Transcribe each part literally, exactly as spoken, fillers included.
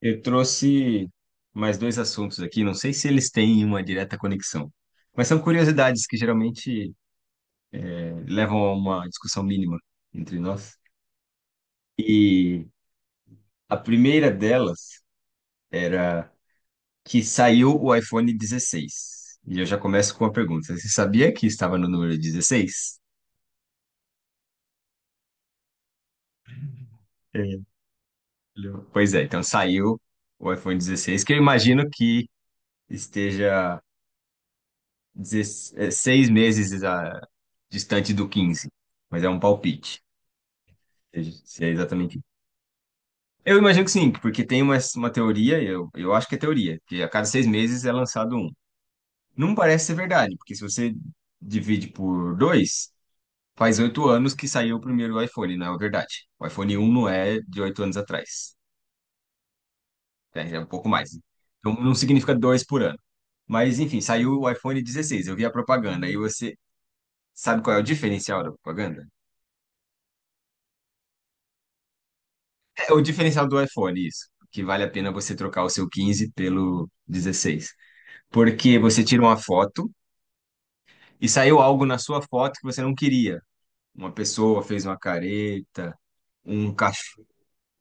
Eu trouxe mais dois assuntos aqui, não sei se eles têm uma direta conexão, mas são curiosidades que geralmente eh, levam a uma discussão mínima entre nós. E a primeira delas era que saiu o iPhone dezesseis. E eu já começo com uma pergunta: você sabia que estava no número dezesseis? É. Pois é, então saiu o iPhone dezesseis, que eu imagino que esteja dezes- é, seis meses ah, distante do quinze, mas é um palpite. Seja- Se é exatamente isso. Eu imagino que sim, porque tem uma, uma teoria, eu, eu acho que é teoria, que a cada seis meses é lançado um. Não parece ser verdade, porque se você divide por dois, faz oito anos que saiu o primeiro iPhone, não é verdade. O iPhone um não é de oito anos atrás, né? É um pouco mais. Então não significa dois por ano. Mas enfim, saiu o iPhone dezesseis, eu vi a propaganda, e você sabe qual é o diferencial da propaganda? É o diferencial do iPhone, isso. Que vale a pena você trocar o seu quinze pelo dezesseis. Porque você tira uma foto e saiu algo na sua foto que você não queria. Uma pessoa fez uma careta, um cachorro.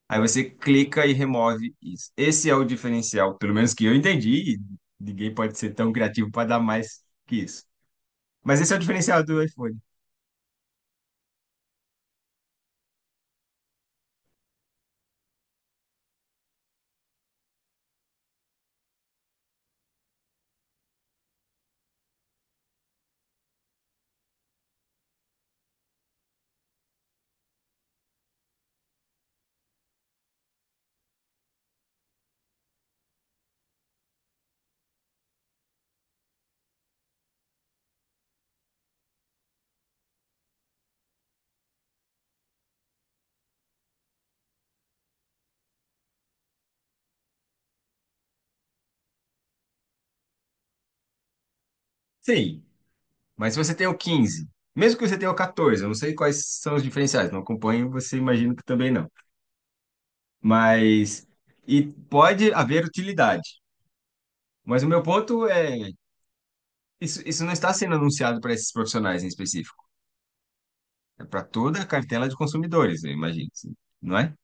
Aí você clica e remove isso. Esse é o diferencial, pelo menos que eu entendi. e Ninguém pode ser tão criativo para dar mais que isso. Mas esse é o diferencial do iPhone. Sim, mas se você tem o quinze, mesmo que você tenha o catorze, eu não sei quais são os diferenciais, não acompanho, você imagino que também não. Mas e pode haver utilidade. Mas o meu ponto é, isso, isso não está sendo anunciado para esses profissionais em específico. É para toda a cartela de consumidores, eu imagino, assim, não é?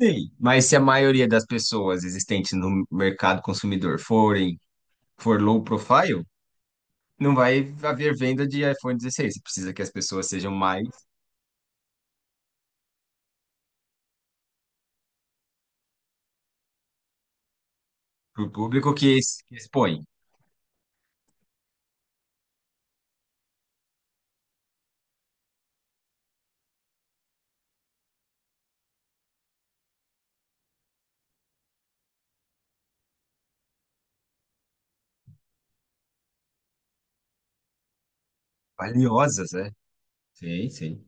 Sim. Mas se a maioria das pessoas existentes no mercado consumidor forem for low profile, não vai haver venda de iPhone dezesseis. Você precisa que as pessoas sejam mais, para o público que, es- que expõe. Valiosas, né? Sim, sim.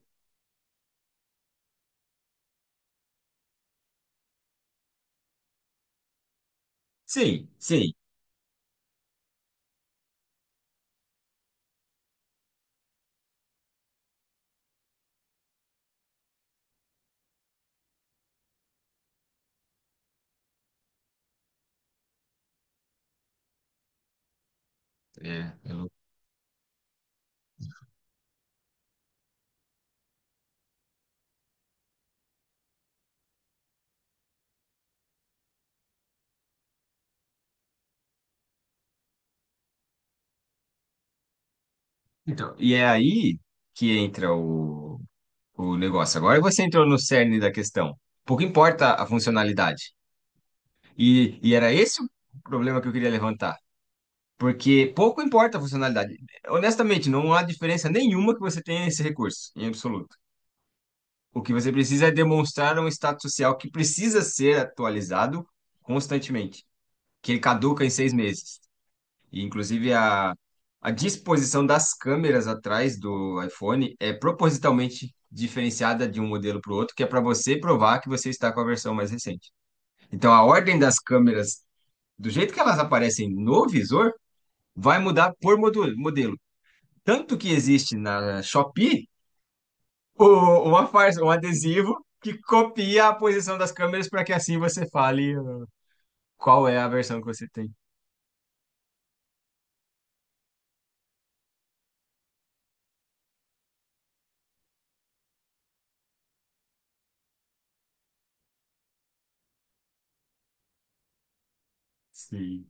Sim, sim. É. Então, e é aí que entra o, o negócio. Agora você entrou no cerne da questão. Pouco importa a funcionalidade. E, e era esse o problema que eu queria levantar. Porque pouco importa a funcionalidade. Honestamente, não há diferença nenhuma que você tenha esse recurso, em absoluto. O que você precisa é demonstrar um status social que precisa ser atualizado constantemente, que ele caduca em seis meses. E, inclusive, a, a disposição das câmeras atrás do iPhone é propositalmente diferenciada de um modelo para o outro, que é para você provar que você está com a versão mais recente. Então, a ordem das câmeras, do jeito que elas aparecem no visor, vai mudar por modu- modelo. Tanto que existe na Shopee o- uma farsa, um adesivo que copia a posição das câmeras para que assim você fale uh, qual é a versão que você tem. Sim.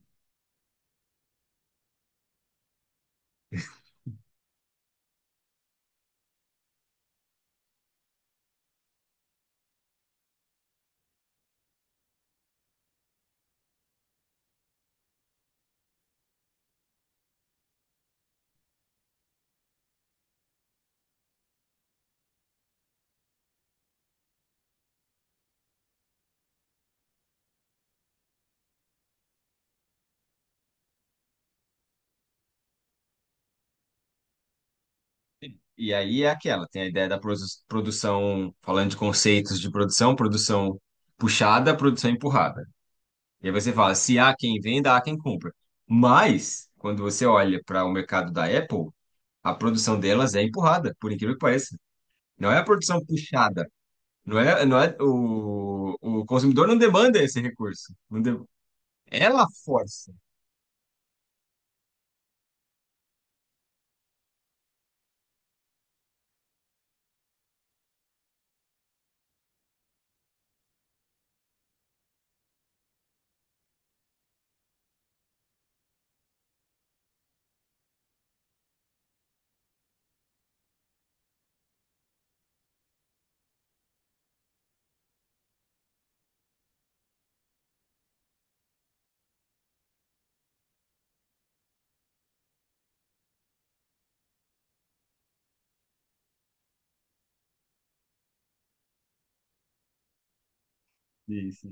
E aí é aquela, tem a ideia da produ- produção, falando de conceitos de produção, produção puxada, produção empurrada. E aí você fala, se há quem venda, há quem compra. Mas, quando você olha para o mercado da Apple, a produção delas é empurrada, por incrível que pareça. Não é a produção puxada, não é, não é o, o consumidor não demanda esse recurso. Não de- ela força. Isso.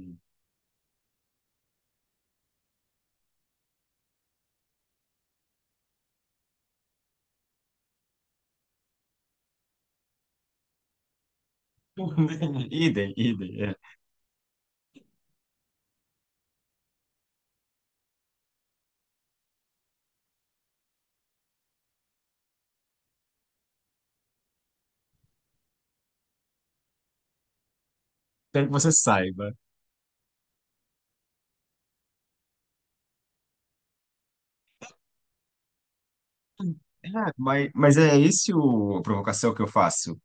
Idem, idem. É. Quero que você saiba. É, mas, mas é esse o, a provocação que eu faço.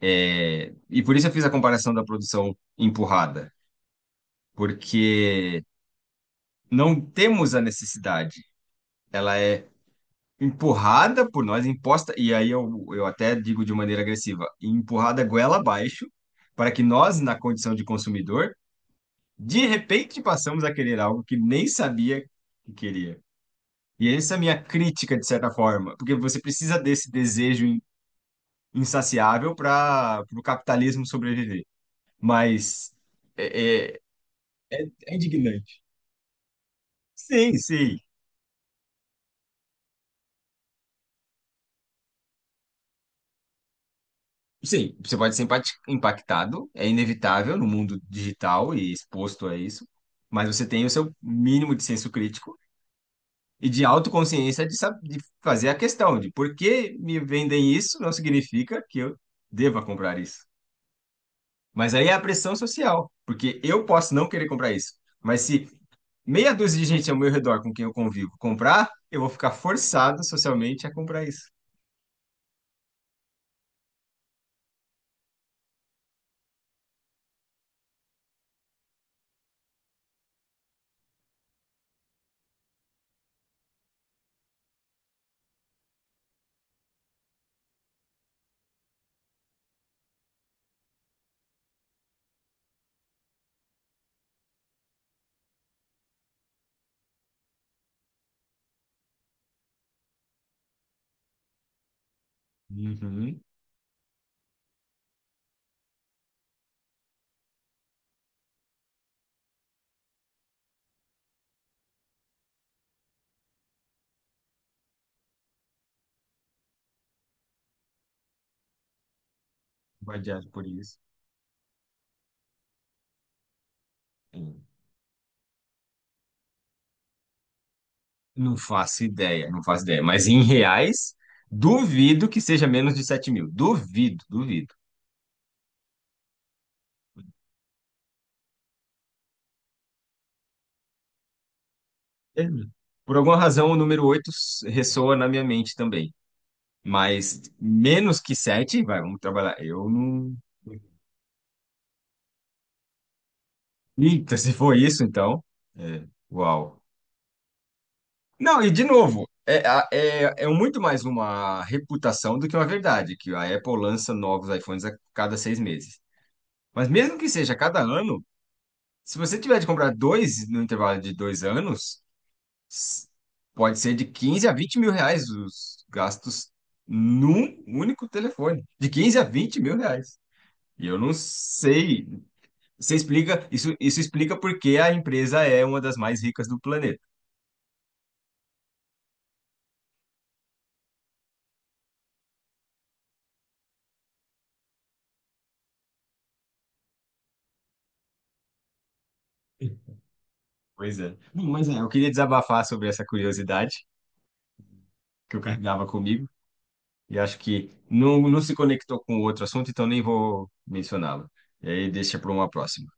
É, e por isso eu fiz a comparação da produção empurrada, porque não temos a necessidade, ela é empurrada por nós, imposta, e aí eu, eu até digo de maneira agressiva, empurrada goela abaixo, para que nós, na condição de consumidor, de repente passamos a querer algo que nem sabia que queria. E essa é a minha crítica, de certa forma, porque você precisa desse desejo in- insaciável para o capitalismo sobreviver. Mas é, é, É, é indignante. Sim, sim. Sim, você pode ser empati- impactado, é inevitável no mundo digital e exposto a isso, mas você tem o seu mínimo de senso crítico e de autoconsciência de, sab- de fazer a questão de por que me vendem isso não significa que eu deva comprar isso. Mas aí é a pressão social, porque eu posso não querer comprar isso, mas se meia dúzia de gente ao meu redor com quem eu convivo comprar, eu vou ficar forçado socialmente a comprar isso. Uhum. Vou vadiado por isso. Hum, não faço ideia, não faço ideia. Mas em reais, duvido que seja menos de sete mil. Duvido, duvido. É, meu. Por alguma razão, o número oito ressoa na minha mente também. Mas menos que sete, vai, vamos trabalhar. Eu não. Eita, se for isso, então. É, uau. Não, e de novo, é, a- é, é muito mais uma reputação do que uma verdade, que a Apple lança novos iPhones a cada seis meses. Mas mesmo que seja a cada ano, se você tiver de comprar dois no intervalo de dois anos, s- pode ser de quinze a vinte mil reais os gastos num único telefone. De quinze a vinte mil reais. E eu não sei. Você explica, isso, isso explica porque a empresa é uma das mais ricas do planeta. Pois é. Bom, mas é, eu queria desabafar sobre essa curiosidade que eu carregava comigo e acho que não, não se conectou com outro assunto, então nem vou mencioná-lo. E aí deixa para uma próxima.